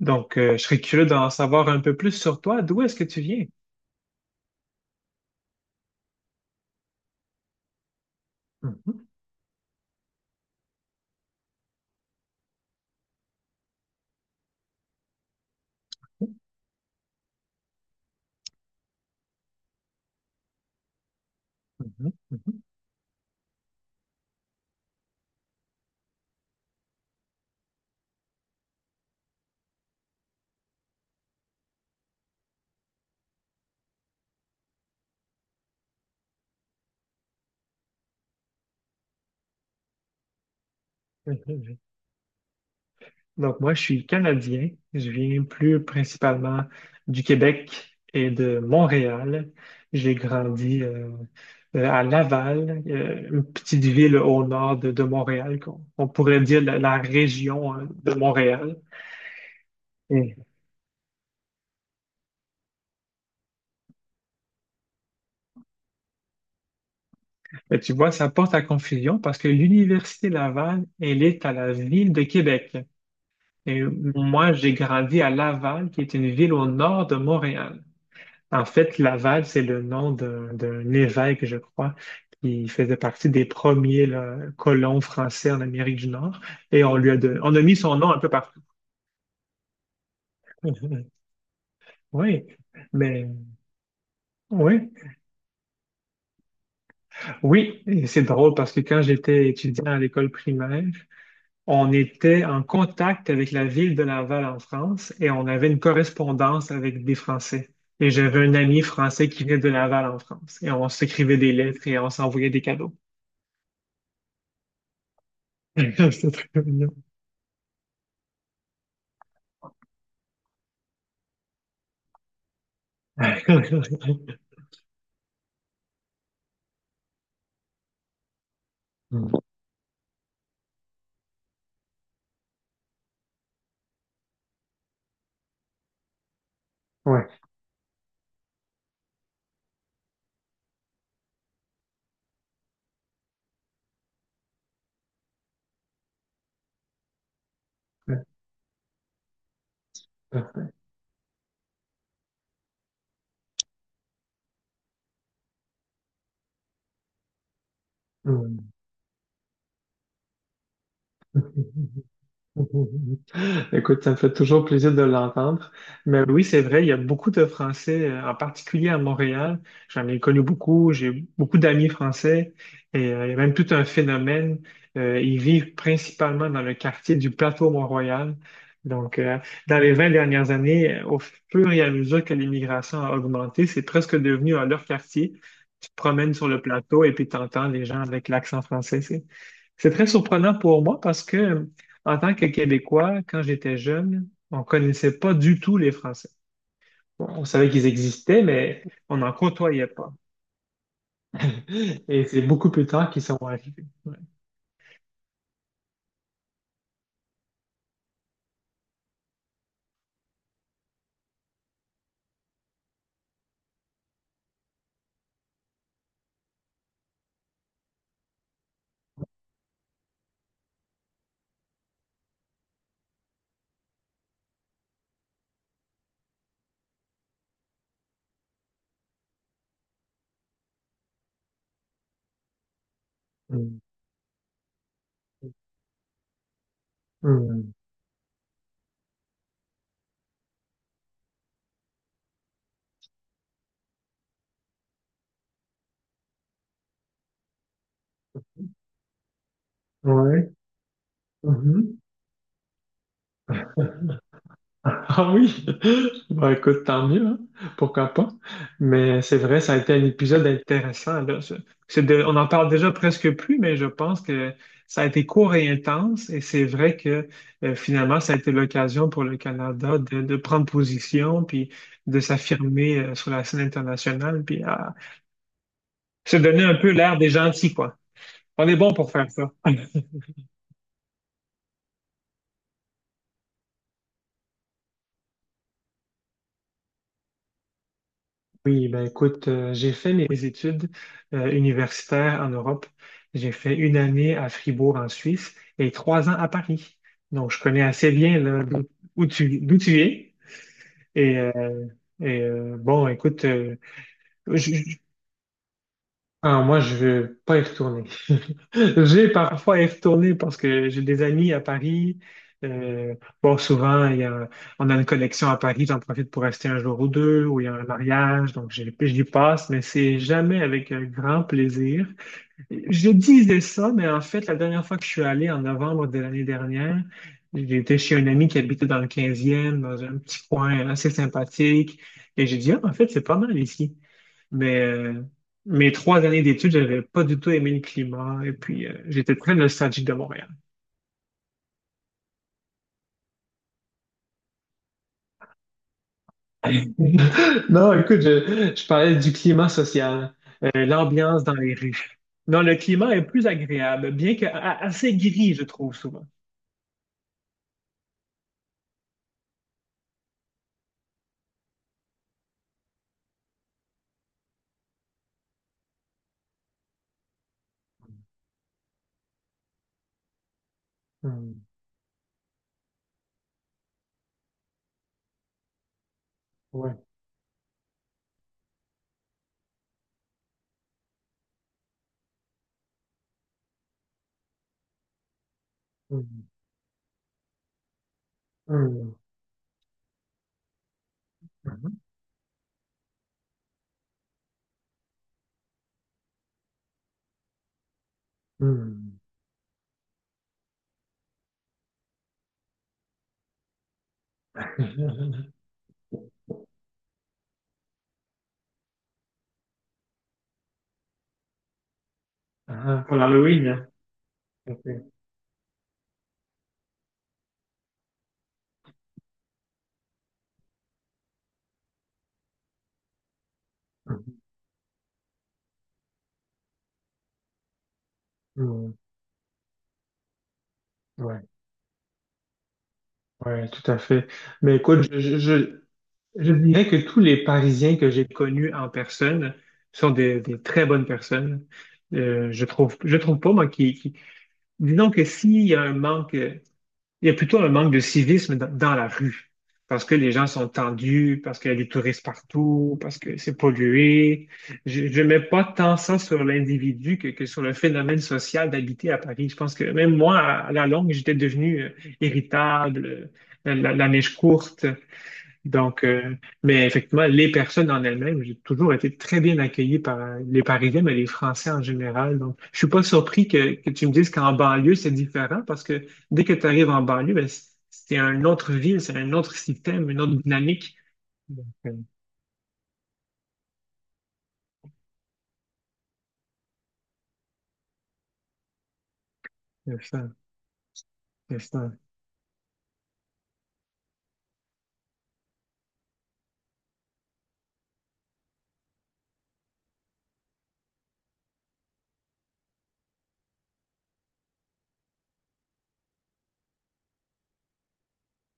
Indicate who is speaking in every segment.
Speaker 1: Je serais curieux d'en savoir un peu plus sur toi. D'où est-ce que tu viens? Mhm, mhm, mhm, mhm. Donc, moi, je suis Canadien. Je viens plus principalement du Québec et de Montréal. J'ai grandi à Laval, une petite ville au nord de Montréal, qu'on on pourrait dire la région, hein, de Montréal. Et, mais tu vois, ça porte à confusion parce que l'Université Laval, elle est à la ville de Québec. Et moi, j'ai grandi à Laval, qui est une ville au nord de Montréal. En fait, Laval, c'est le nom d'un évêque, je crois, qui faisait partie des premiers là, colons français en Amérique du Nord. Et on lui a on a mis son nom un peu partout. Oui, mais oui, oui, et c'est drôle parce que quand j'étais étudiant à l'école primaire, on était en contact avec la ville de Laval en France et on avait une correspondance avec des Français. Et j'avais un ami français qui venait de Laval en France. Et on s'écrivait des lettres et on s'envoyait des cadeaux. C'était très mignon. Ouais. Ouais. Écoute, ça me fait toujours plaisir de l'entendre. Mais oui, c'est vrai, il y a beaucoup de Français, en particulier à Montréal. J'en ai connu beaucoup, j'ai beaucoup d'amis français et il y a même tout un phénomène. Ils vivent principalement dans le quartier du plateau Mont-Royal. Donc, euh, Dans les 20 dernières années, au fur et à mesure que l'immigration a augmenté, c'est presque devenu leur quartier. Tu te promènes sur le plateau et puis tu entends les gens avec l'accent français. C'est très surprenant pour moi parce que, en tant que Québécois, quand j'étais jeune, on connaissait pas du tout les Français. Bon, on savait qu'ils existaient, mais on n'en côtoyait pas. Et c'est beaucoup plus tard qu'ils sont arrivés. Ouais. Mm. Mm. Ouais. Mhm. Ah oui, bah écoute, tant mieux, hein. Pourquoi pas. Mais c'est vrai, ça a été un épisode intéressant, là. On en parle déjà presque plus, mais je pense que ça a été court et intense, et c'est vrai que, finalement, ça a été l'occasion pour le Canada de prendre position, puis de s'affirmer sur la scène internationale, puis à se donner un peu l'air des gentils, quoi. On est bon pour faire ça. Oui, ben écoute, j'ai fait mes études universitaires en Europe. J'ai fait une année à Fribourg en Suisse et 3 ans à Paris. Donc, je connais assez bien là, d'où tu es. Et, euh, bon, écoute, ah, moi, je vais pas y retourner. J'ai parfois y retourné parce que j'ai des amis à Paris. Euh, bon, souvent, on a une collection à Paris, j'en profite pour rester un jour ou deux, ou il y a un mariage, donc j'y passe, mais c'est jamais avec un grand plaisir. Je disais ça, mais en fait, la dernière fois que je suis allé en novembre de l'année dernière, j'étais chez un ami qui habitait dans le 15e, dans un petit coin assez sympathique, et j'ai dit, ah, en fait, c'est pas mal ici. Mais euh, Mes 3 années d'études, j'avais pas du tout aimé le climat et puis j'étais très nostalgique de Montréal. Non, écoute, je parlais du climat social. L'ambiance dans les rues. Non, le climat est plus agréable, bien que assez gris, je trouve souvent. Hmm, ouais. Hmm, hmm. Mhm. Hmm. Ah, pour l'Halloween, hein. Ok. Hmm, hmm, ouais, ouais, tout à fait. Mais écoute, je dirais que tous les Parisiens que j'ai connus en personne sont des très bonnes personnes. Je trouve, je trouve pas, moi, Disons que s'il y a un manque, il y a plutôt un manque de civisme dans la rue, parce que les gens sont tendus, parce qu'il y a des touristes partout, parce que c'est pollué. Je mets pas tant ça sur l'individu que sur le phénomène social d'habiter à Paris. Je pense que même moi, à la longue, j'étais devenu irritable, la, la la courte. Donc, euh, mais effectivement, les personnes en elles-mêmes, j'ai toujours été très bien accueilli par les Parisiens, mais les Français en général. Donc, je suis pas surpris que tu me dises qu'en banlieue, c'est différent parce que dès que tu arrives en banlieue, ben, c'est une autre ville, c'est un autre système, une autre dynamique. Donc, euh, c'est ça, c'est ça.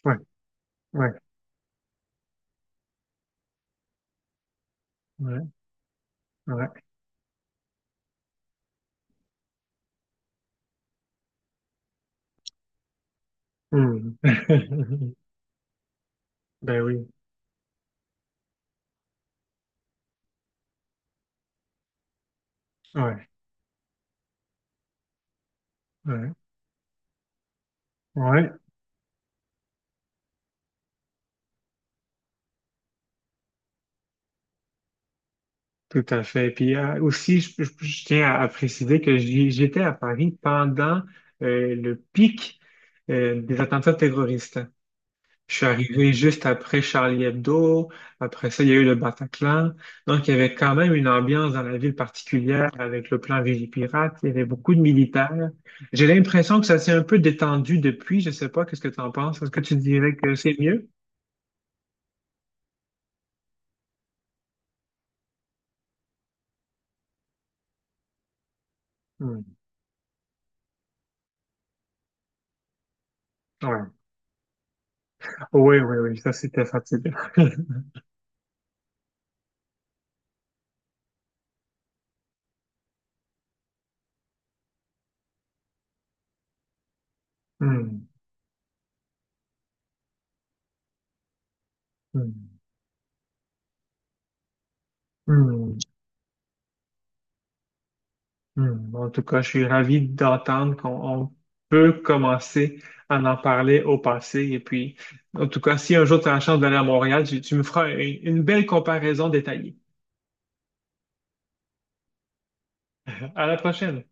Speaker 1: Ouais, ouais, ouais, ouais. Hmm. Ben oui, ouais, ouais, ouais. Tout à fait. Puis aussi, je tiens à préciser que j'étais à Paris pendant le pic des attentats terroristes. Je suis arrivé juste après Charlie Hebdo. Après ça, il y a eu le Bataclan. Donc, il y avait quand même une ambiance dans la ville particulière avec le plan Vigipirate. Il y avait beaucoup de militaires. J'ai l'impression que ça s'est un peu détendu depuis. Je sais pas, qu'est-ce que tu en penses? Est-ce que tu dirais que c'est mieux? Hmm. Ouais. Oui, oui, oui. Ça, c'était fatigant. Hmm. Hmm. Hmm. Hmm. En tout cas, je suis ravi d'entendre qu'on on peut commencer à en parler au passé. Et puis, en tout cas, si un jour tu as la chance d'aller à Montréal, tu me feras une belle comparaison détaillée. À la prochaine.